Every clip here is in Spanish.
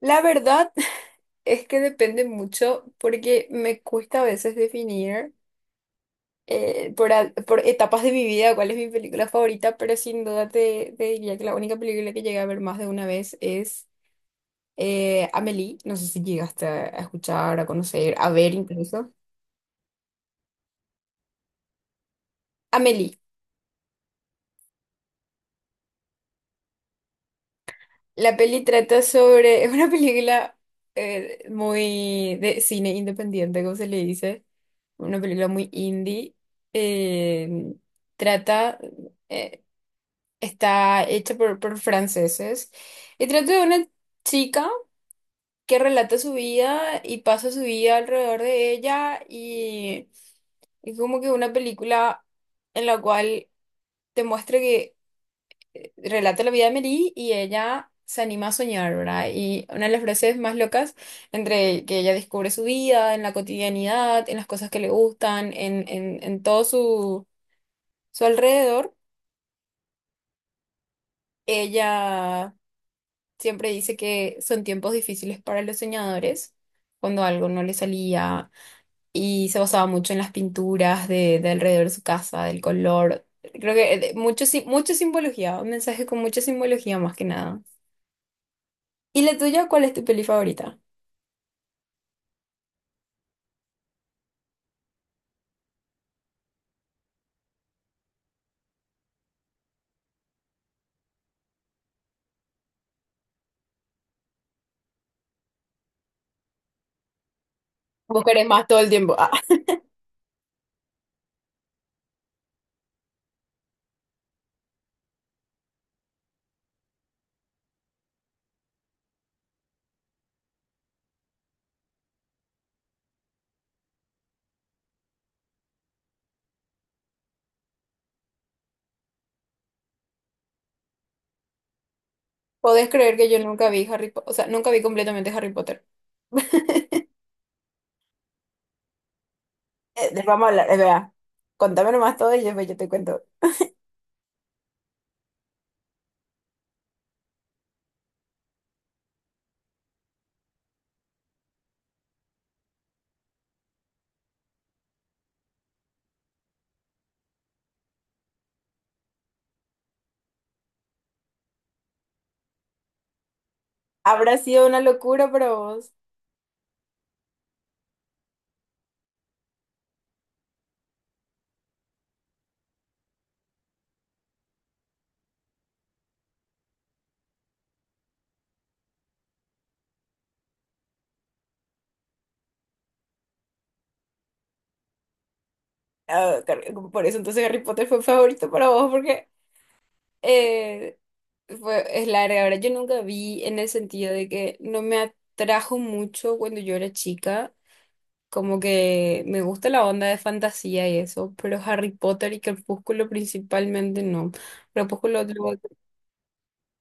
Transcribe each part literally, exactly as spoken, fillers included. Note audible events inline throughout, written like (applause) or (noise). La verdad (laughs) es que depende mucho porque me cuesta a veces definir eh, por, a- por etapas de mi vida cuál es mi película favorita, pero sin duda te, te diría que la única película que llegué a ver más de una vez es eh, Amélie. No sé si llegaste a a escuchar, a conocer, a ver incluso. Amélie. La peli trata sobre... (laughs) Es una película eh, muy de cine independiente, como se le dice. Una película muy indie. eh, Trata... eh, Está hecha por, por franceses y trata de una chica que relata su vida y pasa su vida alrededor de ella y es como que una película en la cual te muestra que relata la vida de Mary y ella se anima a soñar, ¿verdad? Y una de las frases más locas entre que ella descubre su vida en la cotidianidad, en las cosas que le gustan, en, en, en todo su, su alrededor, ella... Siempre dice que son tiempos difíciles para los soñadores, cuando algo no le salía y se basaba mucho en las pinturas de, de alrededor de su casa, del color. Creo que eh, de- mucho, sim- mucha simbología, un mensaje con mucha simbología más que nada. ¿Y la tuya, cuál es tu peli favorita? Vos querés más todo el tiempo. Ah, (laughs) ¿podés creer que yo nunca vi Harry Potter? O sea, nunca vi completamente Harry Potter. (laughs) Eh, de- Vamos a hablar, es verdad. Contame nomás todo y después yo te cuento. Habrá sido una locura para vos. Ah, car- por eso entonces Harry Potter fue favorito para vos, porque eh, fue, es larga. Ahora, yo nunca vi en el sentido de que no me atrajo mucho cuando yo era chica. Como que me gusta la onda de fantasía y eso, pero Harry Potter y Crepúsculo principalmente no. Crepúsculo, lo-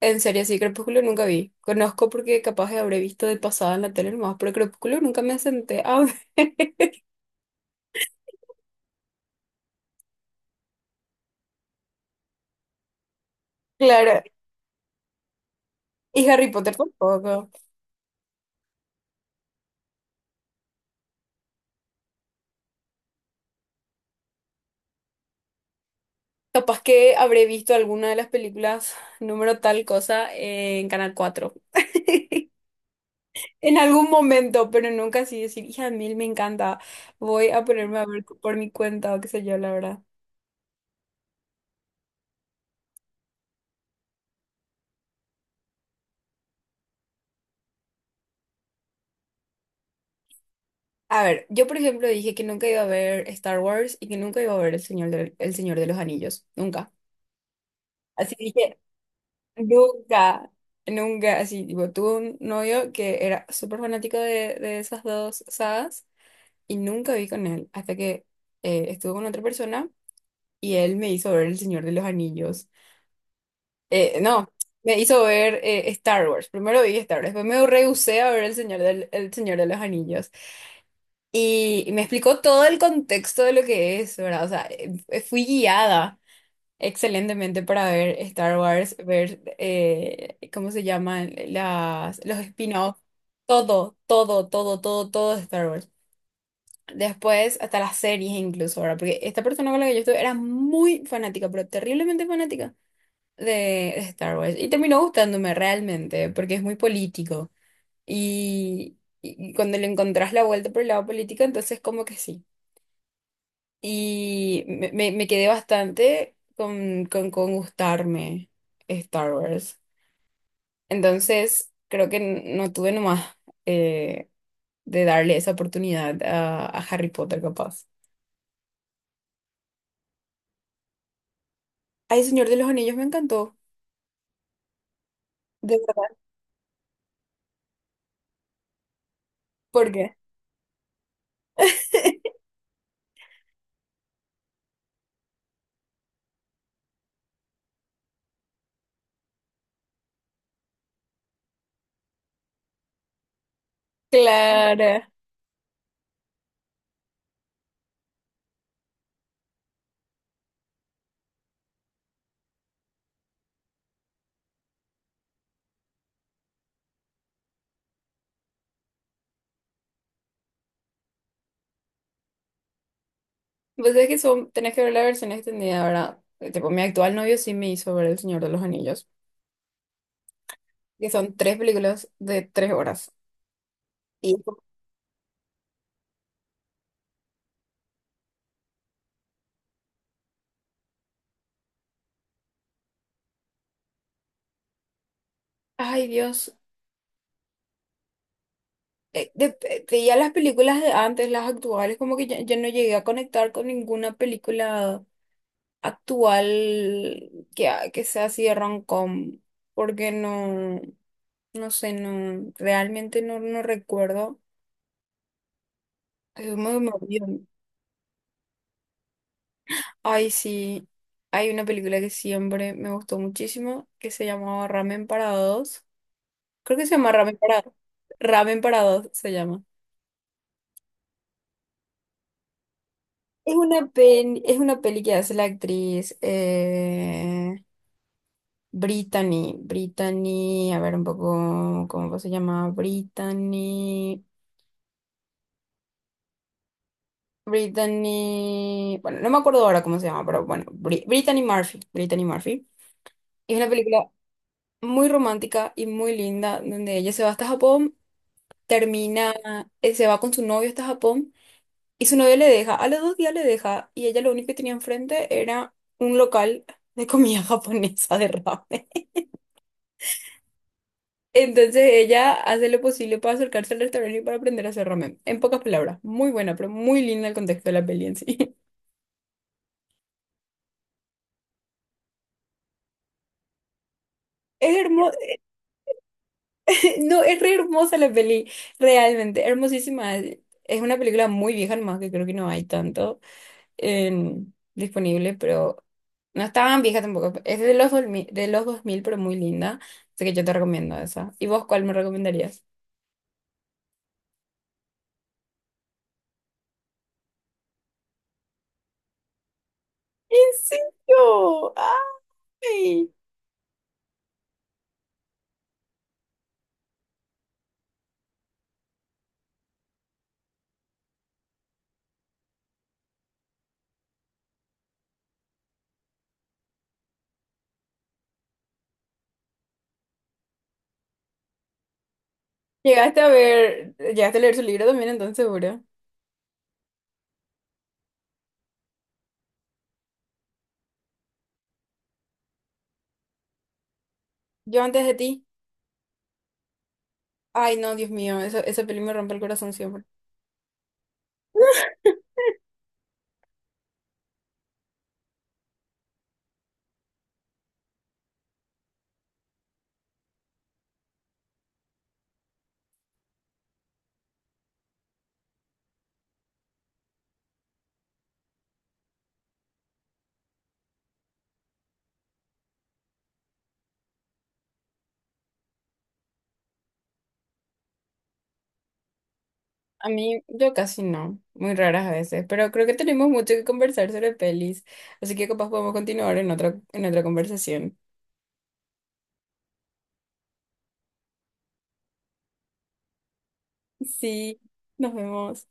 en serio, sí, Crepúsculo nunca vi. Conozco porque capaz que habré visto de pasada en la tele nomás, pero Crepúsculo nunca me senté a ver. (laughs) Claro, y Harry Potter tampoco. Capaz que habré visto alguna de las películas número tal cosa en Canal cuatro. (laughs) En algún momento, pero nunca así decir, hija mil, me encanta. Voy a ponerme a ver por mi cuenta o qué sé yo, la verdad. A ver, yo por ejemplo dije que nunca iba a ver Star Wars y que nunca iba a ver El Señor de, El Señor de los Anillos. Nunca. Así dije, nunca, nunca. Así, tipo, tuve un novio que era súper fanático de, de esas dos sagas y nunca vi con él hasta que eh, estuve con otra persona. Y él me hizo ver El Señor de los Anillos. Eh, no, me hizo ver eh, Star Wars. Primero vi Star Wars, después me rehusé a ver El Señor del, El Señor de los Anillos. Y, y me explicó todo el contexto de lo que es, ¿verdad? O sea, eh, eh, fui guiada excelentemente para ver Star Wars, ver, eh, ¿cómo se llaman? Las, los spin-offs. Todo, todo, todo, todo, todo de Star Wars. Después, hasta las series incluso, ahora, porque esta persona con la que yo estuve era muy fanática, pero terriblemente fanática de Star Wars. Y terminó gustándome realmente, porque es muy político. Y, y cuando le encontrás la vuelta por el lado político, entonces como que sí. Y me, me- me quedé bastante con, con, con gustarme Star Wars. Entonces, creo que n- no tuve nomás eh, de darle esa oportunidad a, a Harry Potter, capaz. Ay, Señor de los Anillos, me encantó. De verdad. ¿Por qué? (laughs) Claro. Pues es que son, tenés que ver la versión extendida, ¿verdad? Eh, Tipo, mi actual novio sí me hizo ver El Señor de los Anillos, que son tres películas de tres horas. Y, ay Dios, eh, de- de- de ya las películas de antes, las actuales, como que ya, ya no llegué a conectar con ninguna película actual que, ha- que sea así de rom-com, porque no, no sé, no, realmente no, no recuerdo. Es muy movido. Ay, sí, hay una película que siempre me gustó muchísimo que se llamaba Ramen para dos. Creo que se llama Ramen para dos. Ramen para dos se llama. Es una peli, es una peli que hace la actriz eh, Brittany. Brittany, a ver un poco cómo se llama. Brittany. Brittany. Bueno, no me acuerdo ahora cómo se llama, pero bueno, Bri- Brittany Murphy. Brittany Murphy. Es una película muy romántica y muy linda, donde ella se va hasta Japón termina, eh, se va con su novio hasta Japón y su novio le deja, a los dos días le deja y ella lo único que tenía enfrente era un local de comida (laughs) japonesa de ramen. Entonces ella hace lo posible para acercarse al restaurante y para aprender a hacer ramen. En pocas palabras, muy buena, pero muy linda el contexto de la peli en sí. (laughs) Es hermosa, (laughs) no, es re hermosa la peli, realmente, hermosísima. Es una película muy vieja nomás que creo que no hay tanto en- disponible, pero no estaba tan vieja tampoco. Es de los, dos mil, de los dos mil, pero muy linda. Así que yo te recomiendo esa. ¿Y vos cuál me recomendarías? ¿En serio? ¡Ay! Llegaste a ver, llegaste a leer su libro también, entonces seguro. Yo antes de ti. Ay, no, Dios mío, eso, esa peli me rompe el corazón siempre. A mí, yo casi no, muy raras a veces, pero creo que tenemos mucho que conversar sobre pelis, así que capaz podemos continuar en otra, en otra conversación. Sí, nos vemos.